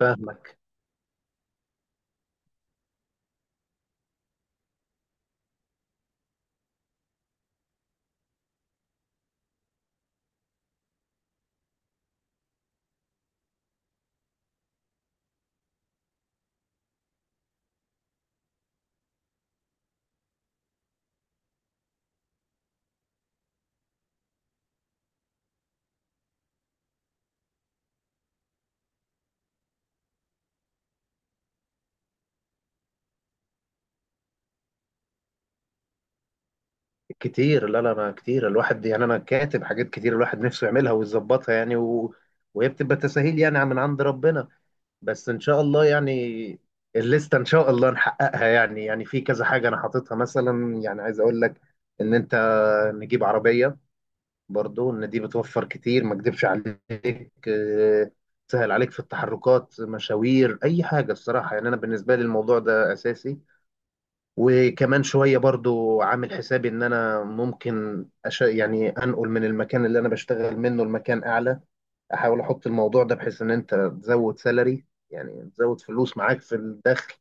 فاهمك. كتير، لا لا، انا كتير، الواحد يعني انا كاتب حاجات كتير الواحد نفسه يعملها ويظبطها يعني وهي بتبقى تساهيل يعني من عند ربنا، بس ان شاء الله يعني الليسته ان شاء الله نحققها يعني. يعني في كذا حاجه انا حاططها، مثلا يعني عايز اقول لك ان انت نجيب عربيه، برضو ان دي بتوفر كتير ما اكدبش عليك. تسهل عليك في التحركات، مشاوير، اي حاجه. الصراحه يعني انا بالنسبه لي الموضوع ده اساسي. وكمان شوية برضو عامل حسابي ان انا ممكن يعني انقل من المكان اللي انا بشتغل منه لمكان اعلى، احاول احط الموضوع ده بحيث ان انت تزود سالري، يعني تزود فلوس معاك في الدخل.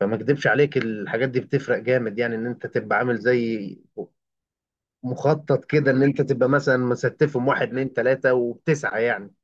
فما اكدبش عليك الحاجات دي بتفرق جامد، يعني ان انت تبقى عامل زي مخطط كده، ان انت تبقى مثلا مستفهم واحد اتنين تلاتة وبتسعى يعني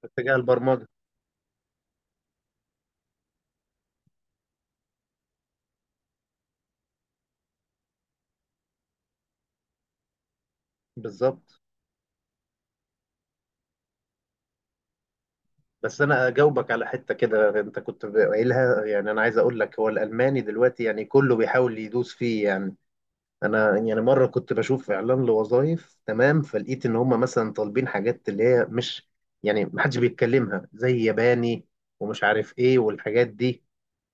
في اتجاه البرمجة. بالظبط. بس انا اجاوبك على حته كده انت كنت قايلها. يعني انا عايز اقول لك هو الالماني دلوقتي يعني كله بيحاول يدوس فيه يعني. انا يعني مره كنت بشوف اعلان لوظائف، تمام، فلقيت ان هم مثلا طالبين حاجات اللي هي مش يعني محدش بيتكلمها زي ياباني ومش عارف ايه والحاجات دي.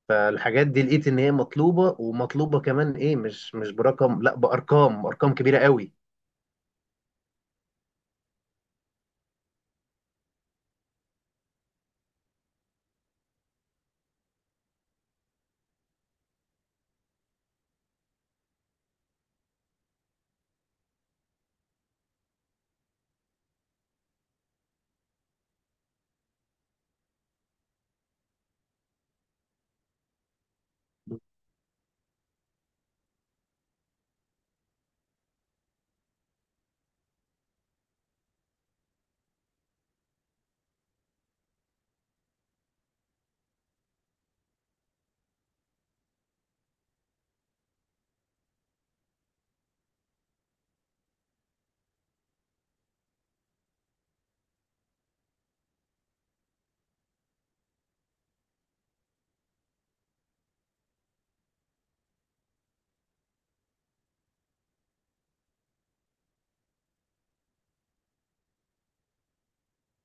فالحاجات دي لقيت ان هي مطلوبه ومطلوبه كمان، ايه، مش برقم، لا، بارقام، ارقام كبيره قوي.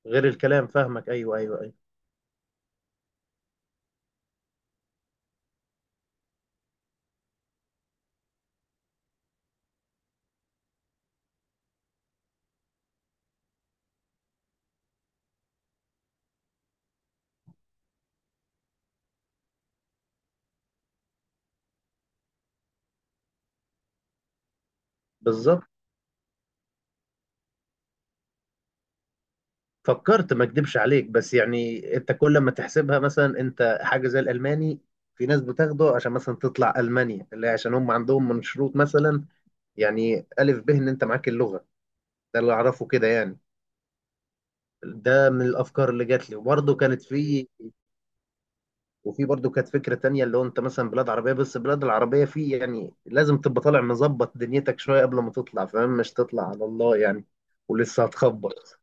غير الكلام، فاهمك، ايوه ايوه ايوه، بالظبط. فكرت ما اكدبش عليك، بس يعني انت كل ما تحسبها مثلا، انت حاجه زي الالماني في ناس بتاخده عشان مثلا تطلع المانيا، اللي هي عشان هم عندهم من شروط مثلا يعني الف ب ان انت معاك اللغه. ده اللي اعرفه كده يعني. ده من الافكار اللي جات لي وبرضه كانت في، وفي برضه كانت فكره تانية اللي هو انت مثلا بلاد عربيه، بس البلاد العربيه في يعني لازم تبقى طالع مظبط دنيتك شويه قبل ما تطلع، فاهم، مش تطلع على الله يعني، ولسه هتخبط.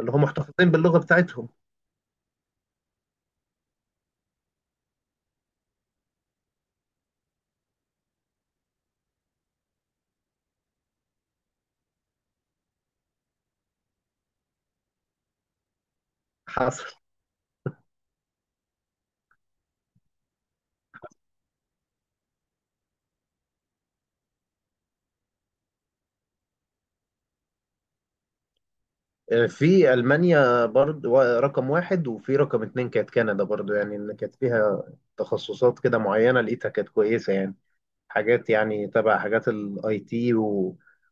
اللي هم محتفظين باللغه بتاعتهم. حصل. في المانيا برضو رقم واحد، وفي رقم اتنين كانت كندا برضو، يعني ان كانت فيها تخصصات كده معينه لقيتها كانت كويسه يعني. حاجات يعني تبع حاجات الاي تي،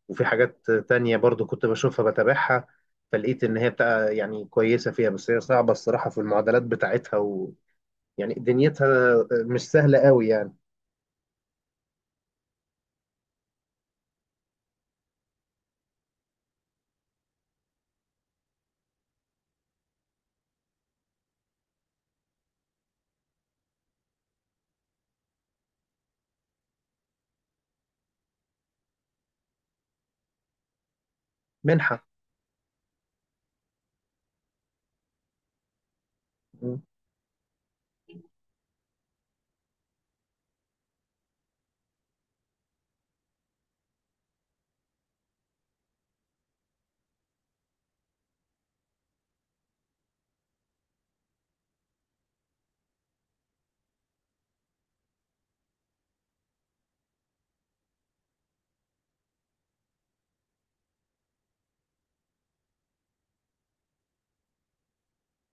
وفي حاجات تانية برضو كنت بشوفها بتابعها، فلقيت ان هي بتاع يعني كويسه فيها، بس هي صعبه الصراحه في المعادلات بتاعتها، ويعني دنيتها مش سهله قوي يعني. منحه.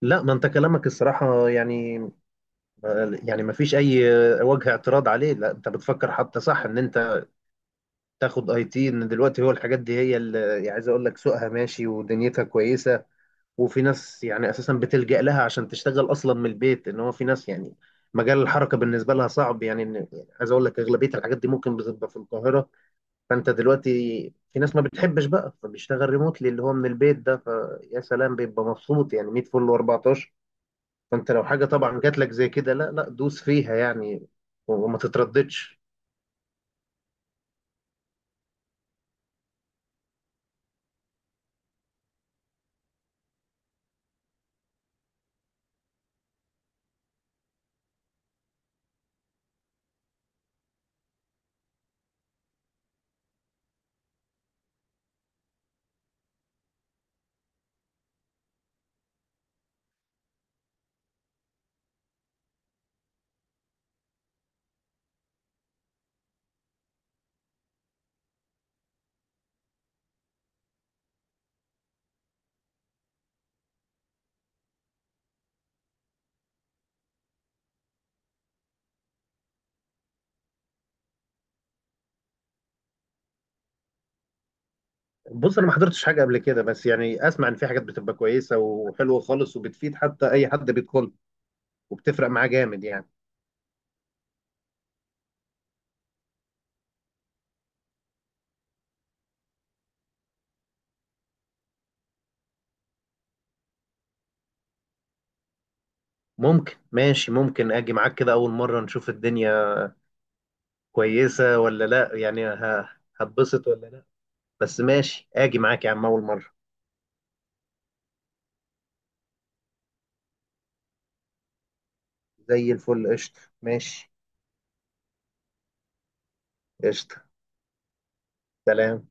لا ما انت كلامك الصراحه يعني يعني ما فيش اي وجه اعتراض عليه، لا انت بتفكر حتى صح ان انت تاخد اي تي. ان دلوقتي هو الحاجات دي هي اللي يعني عايز اقول لك سوقها ماشي ودنيتها كويسه. وفي ناس يعني اساسا بتلجأ لها عشان تشتغل اصلا من البيت، ان هو في ناس يعني مجال الحركه بالنسبه لها صعب، يعني إن يعني عايز اقول لك اغلبيه الحاجات دي ممكن بتبقى في القاهره. فانت دلوقتي في ناس ما بتحبش بقى فبيشتغل ريموتلي اللي هو من البيت، ده فيا سلام بيبقى مبسوط يعني 100 فل و14. فانت لو حاجه طبعا جات لك زي كده، لا لا، دوس فيها يعني، وما تترددش. بص انا ما حضرتش حاجه قبل كده، بس يعني اسمع ان في حاجات بتبقى كويسه وحلوه خالص وبتفيد حتى اي حد بيدخل، وبتفرق معاه جامد يعني. ممكن، ماشي، ممكن اجي معاك كده اول مره نشوف الدنيا كويسه ولا لا، يعني هتبسط ولا لا، بس ماشي اجي معاك يا عم اول مره. زي الفل، قشطه، ماشي. قشطه. سلام.